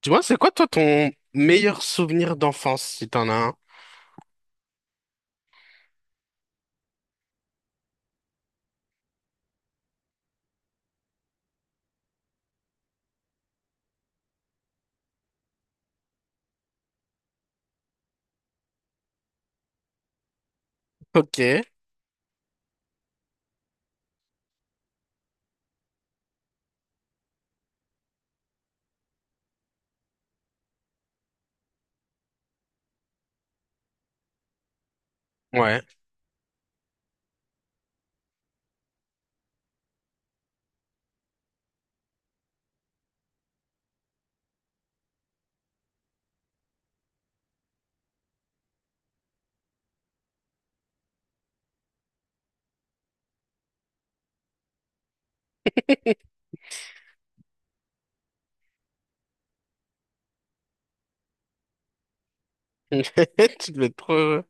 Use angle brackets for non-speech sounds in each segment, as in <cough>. Tu vois, c'est quoi toi ton meilleur souvenir d'enfance, si t'en as un? Ok, ouais. <laughs> Tu devais être trop heureux.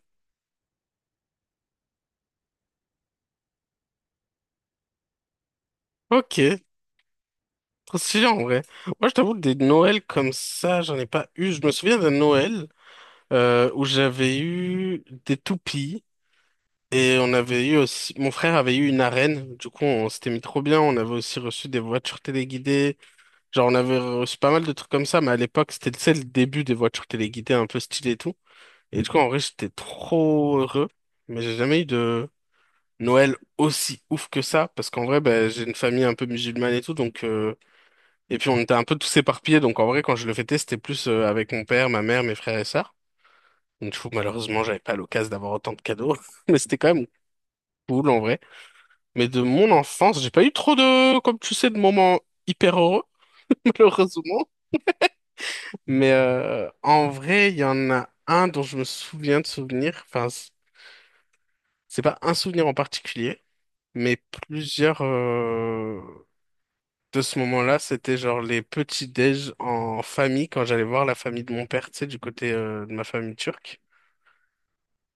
Ok, trop stylé en vrai. Moi, je t'avoue, des Noëls comme ça, j'en ai pas eu. Je me souviens d'un Noël où j'avais eu des toupies et on avait eu aussi. Mon frère avait eu une arène. Du coup, on s'était mis trop bien. On avait aussi reçu des voitures téléguidées. Genre, on avait reçu pas mal de trucs comme ça, mais à l'époque, c'était, tu sais, le début des voitures téléguidées un peu stylées et tout. Et du coup, en vrai, j'étais trop heureux, mais j'ai jamais eu de Noël aussi ouf que ça, parce qu'en vrai, ben, j'ai une famille un peu musulmane et tout, donc et puis on était un peu tous éparpillés, donc en vrai, quand je le fêtais, c'était plus avec mon père, ma mère, mes frères et sœurs. Donc, du coup, malheureusement, j'avais pas l'occasion d'avoir autant de cadeaux, <laughs> mais c'était quand même cool en vrai. Mais de mon enfance, j'ai pas eu trop de, comme tu sais, de moments hyper heureux, <laughs> malheureusement. Mais en vrai, il y en a un dont je me souviens de souvenir, enfin, c'est pas un souvenir en particulier. Mais plusieurs de ce moment-là, c'était genre les petits-déj en famille, quand j'allais voir la famille de mon père, tu sais, du côté de ma famille turque.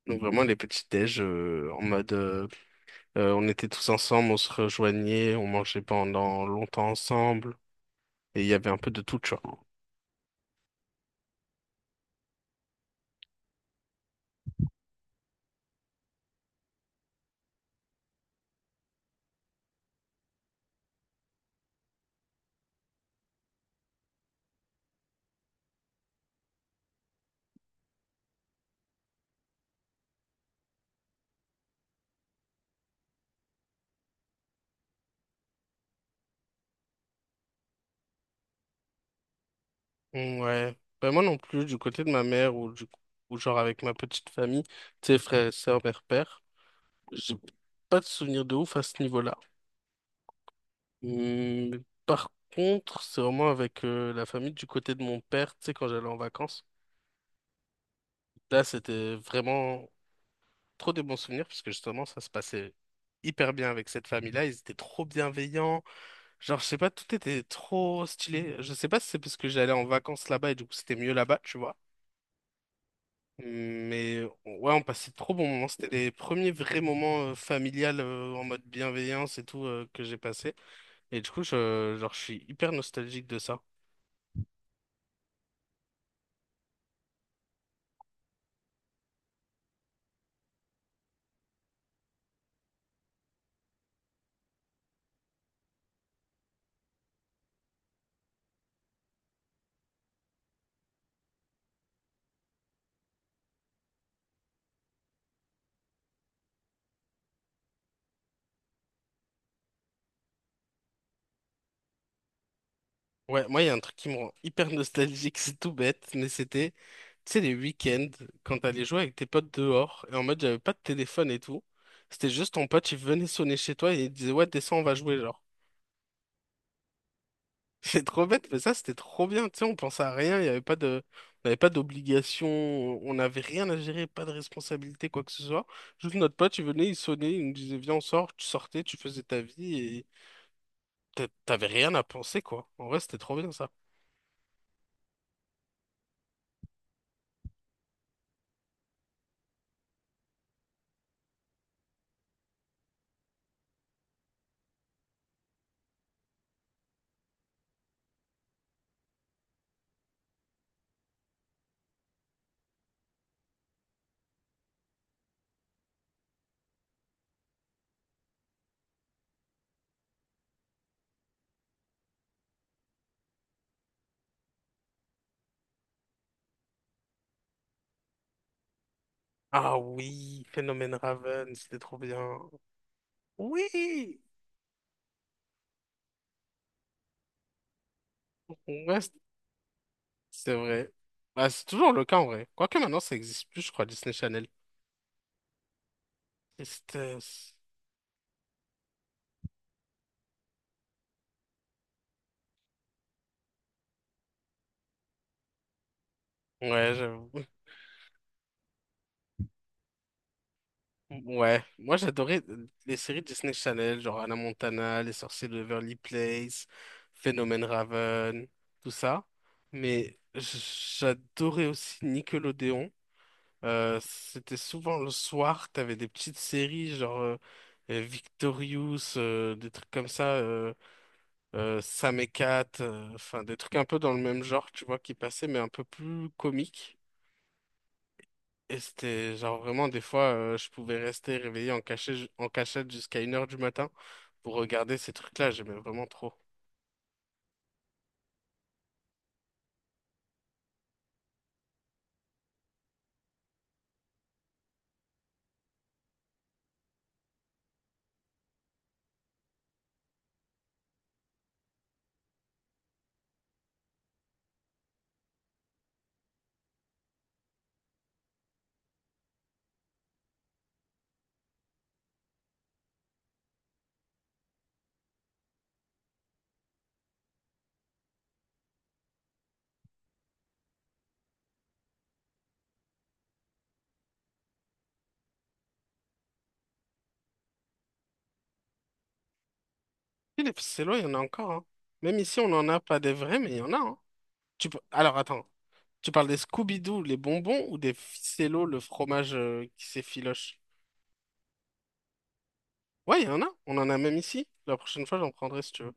Donc vraiment les petits-déj en mode on était tous ensemble, on se rejoignait, on mangeait pendant longtemps ensemble, et il y avait un peu de tout, tu vois. Ouais, ben moi non plus, du côté de ma mère ou du ou genre avec ma petite famille, tu sais, frères et sœurs, mère-père, j'ai pas de souvenir de ouf à ce niveau-là. Hmm. Par contre, c'est vraiment avec la famille du côté de mon père, tu sais, quand j'allais en vacances. Là, c'était vraiment trop des bons souvenirs, parce que justement, ça se passait hyper bien avec cette famille-là. Ils étaient trop bienveillants. Genre, je sais pas, tout était trop stylé. Je sais pas si c'est parce que j'allais en vacances là-bas et du coup, c'était mieux là-bas, tu vois. Mais ouais, on passait de trop bons moments. C'était les premiers vrais moments familial en mode bienveillance et tout que j'ai passé. Et du coup, genre, je suis hyper nostalgique de ça. Ouais, moi, il y a un truc qui me rend hyper nostalgique, c'est tout bête, mais c'était, tu sais, les week-ends, quand t'allais jouer avec tes potes dehors, et en mode, j'avais pas de téléphone et tout. C'était juste ton pote, il venait sonner chez toi et il disait, ouais, descends, on va jouer, genre. <laughs> C'est trop bête, mais ça, c'était trop bien, tu sais, on pensait à rien, il y avait pas de, on avait pas d'obligation, on n'avait rien à gérer, pas de responsabilité, quoi que ce soit. Juste notre pote, il venait, il sonnait, il nous disait, viens, on sort, tu sortais, tu faisais ta vie, et t'avais rien à penser, quoi. En vrai, c'était trop bien, ça. Ah oui, Phénomène Raven, c'était trop bien. Oui! Ouais, c'est vrai. Bah, c'est toujours le cas en vrai. Quoique maintenant, ça existe plus, je crois, Disney Channel. Tristesse. Ouais, j'avoue. Ouais, moi j'adorais les séries Disney Channel, genre Hannah Montana, Les Sorciers de Beverly Place, Phénomène Raven, tout ça. Mais j'adorais aussi Nickelodeon. C'était souvent le soir, t'avais des petites séries genre Victorious, des trucs comme ça, Sam et Cat, enfin des trucs un peu dans le même genre, tu vois, qui passaient, mais un peu plus comiques. Et c'était genre vraiment des fois, je pouvais rester réveillé en cachette jusqu'à 1 h du matin pour regarder ces trucs-là, j'aimais vraiment trop. Et les Psy-là, il y en a encore, hein. Même ici, on n'en a pas des vrais, mais il y en a, hein. Alors attends. Tu parles des Scooby-Doo, les bonbons, ou des Ficello, le fromage qui s'effiloche? Ouais, il y en a. On en a même ici. La prochaine fois, j'en prendrai si tu veux.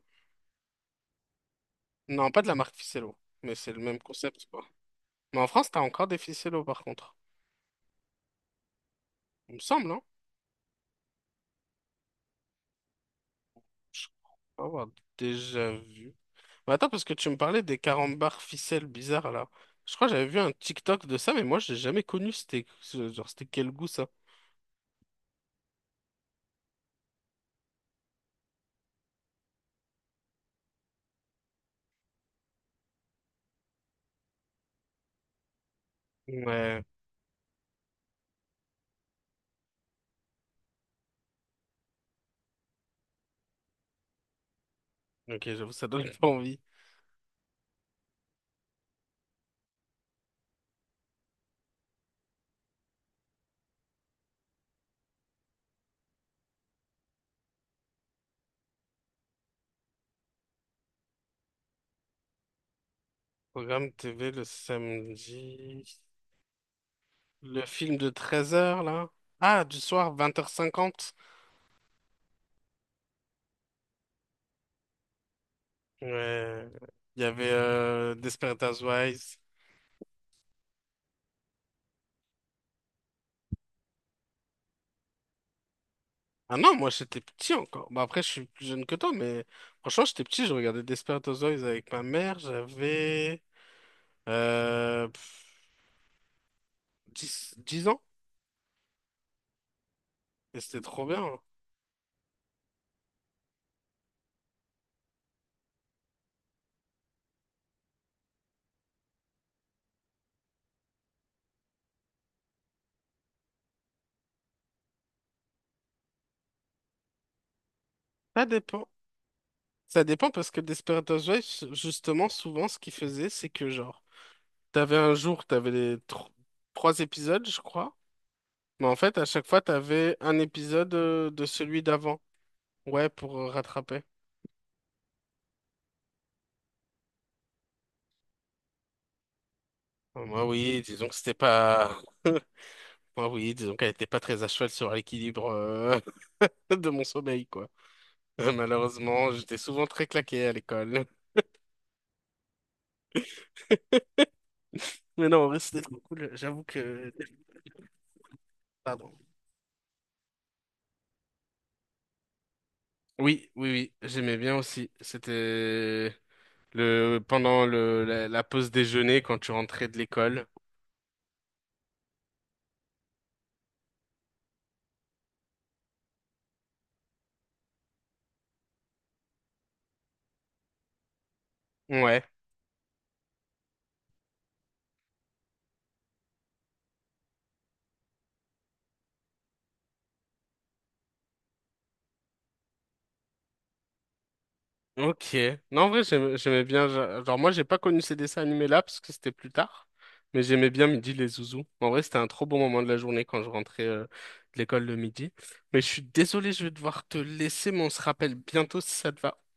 Non, pas de la marque Ficello, mais c'est le même concept, quoi. Mais en France, t'as encore des Ficello, par contre. Il me semble, hein? Je crois avoir déjà vu. Mais attends, parce que tu me parlais des carambars ficelles bizarres, là. Je crois que j'avais vu un TikTok de ça, mais moi, j'ai jamais connu. C'était, genre, c'était quel goût, ça? Ouais, ok, j'avoue, ça donne <laughs> pas envie. Programme TV le samedi. Le film de 13 h là? Ah, du soir, 20 h 50. Ouais. Il y avait Desperate Housewives. Ah non, moi j'étais petit encore. Bah, après, je suis plus jeune que toi, mais franchement, j'étais petit, je regardais Desperate Housewives avec ma mère. J'avais euh, pff, 10, 10 ans. Et c'était trop bien, hein. Ça dépend. Ça dépend parce que Desperate Housewives, justement, souvent, ce qu'ils faisaient, c'est que genre, t'avais un jour, t'avais les trois épisodes, je crois. Mais en fait, à chaque fois, t'avais un épisode de celui d'avant. Ouais, pour rattraper. Moi, oui, disons que c'était pas. <laughs> Moi, oui, disons qu'elle était pas très à cheval sur l'équilibre <laughs> de mon sommeil, quoi. Malheureusement, j'étais souvent très claqué à l'école. <laughs> Mais non, en vrai, c'était trop cool. J'avoue que. <laughs> Pardon. Oui, oui, oui, j'aimais bien aussi. C'était le pendant le la, la pause déjeuner quand tu rentrais de l'école. Ouais. Ok. Non, en vrai, j'aimais bien. Genre, moi, j'ai pas connu ces dessins animés-là parce que c'était plus tard. Mais j'aimais bien Midi les Zouzous. En vrai, c'était un trop bon moment de la journée quand je rentrais de l'école le midi. Mais je suis désolé, je vais devoir te laisser, mais on se rappelle bientôt si ça te va.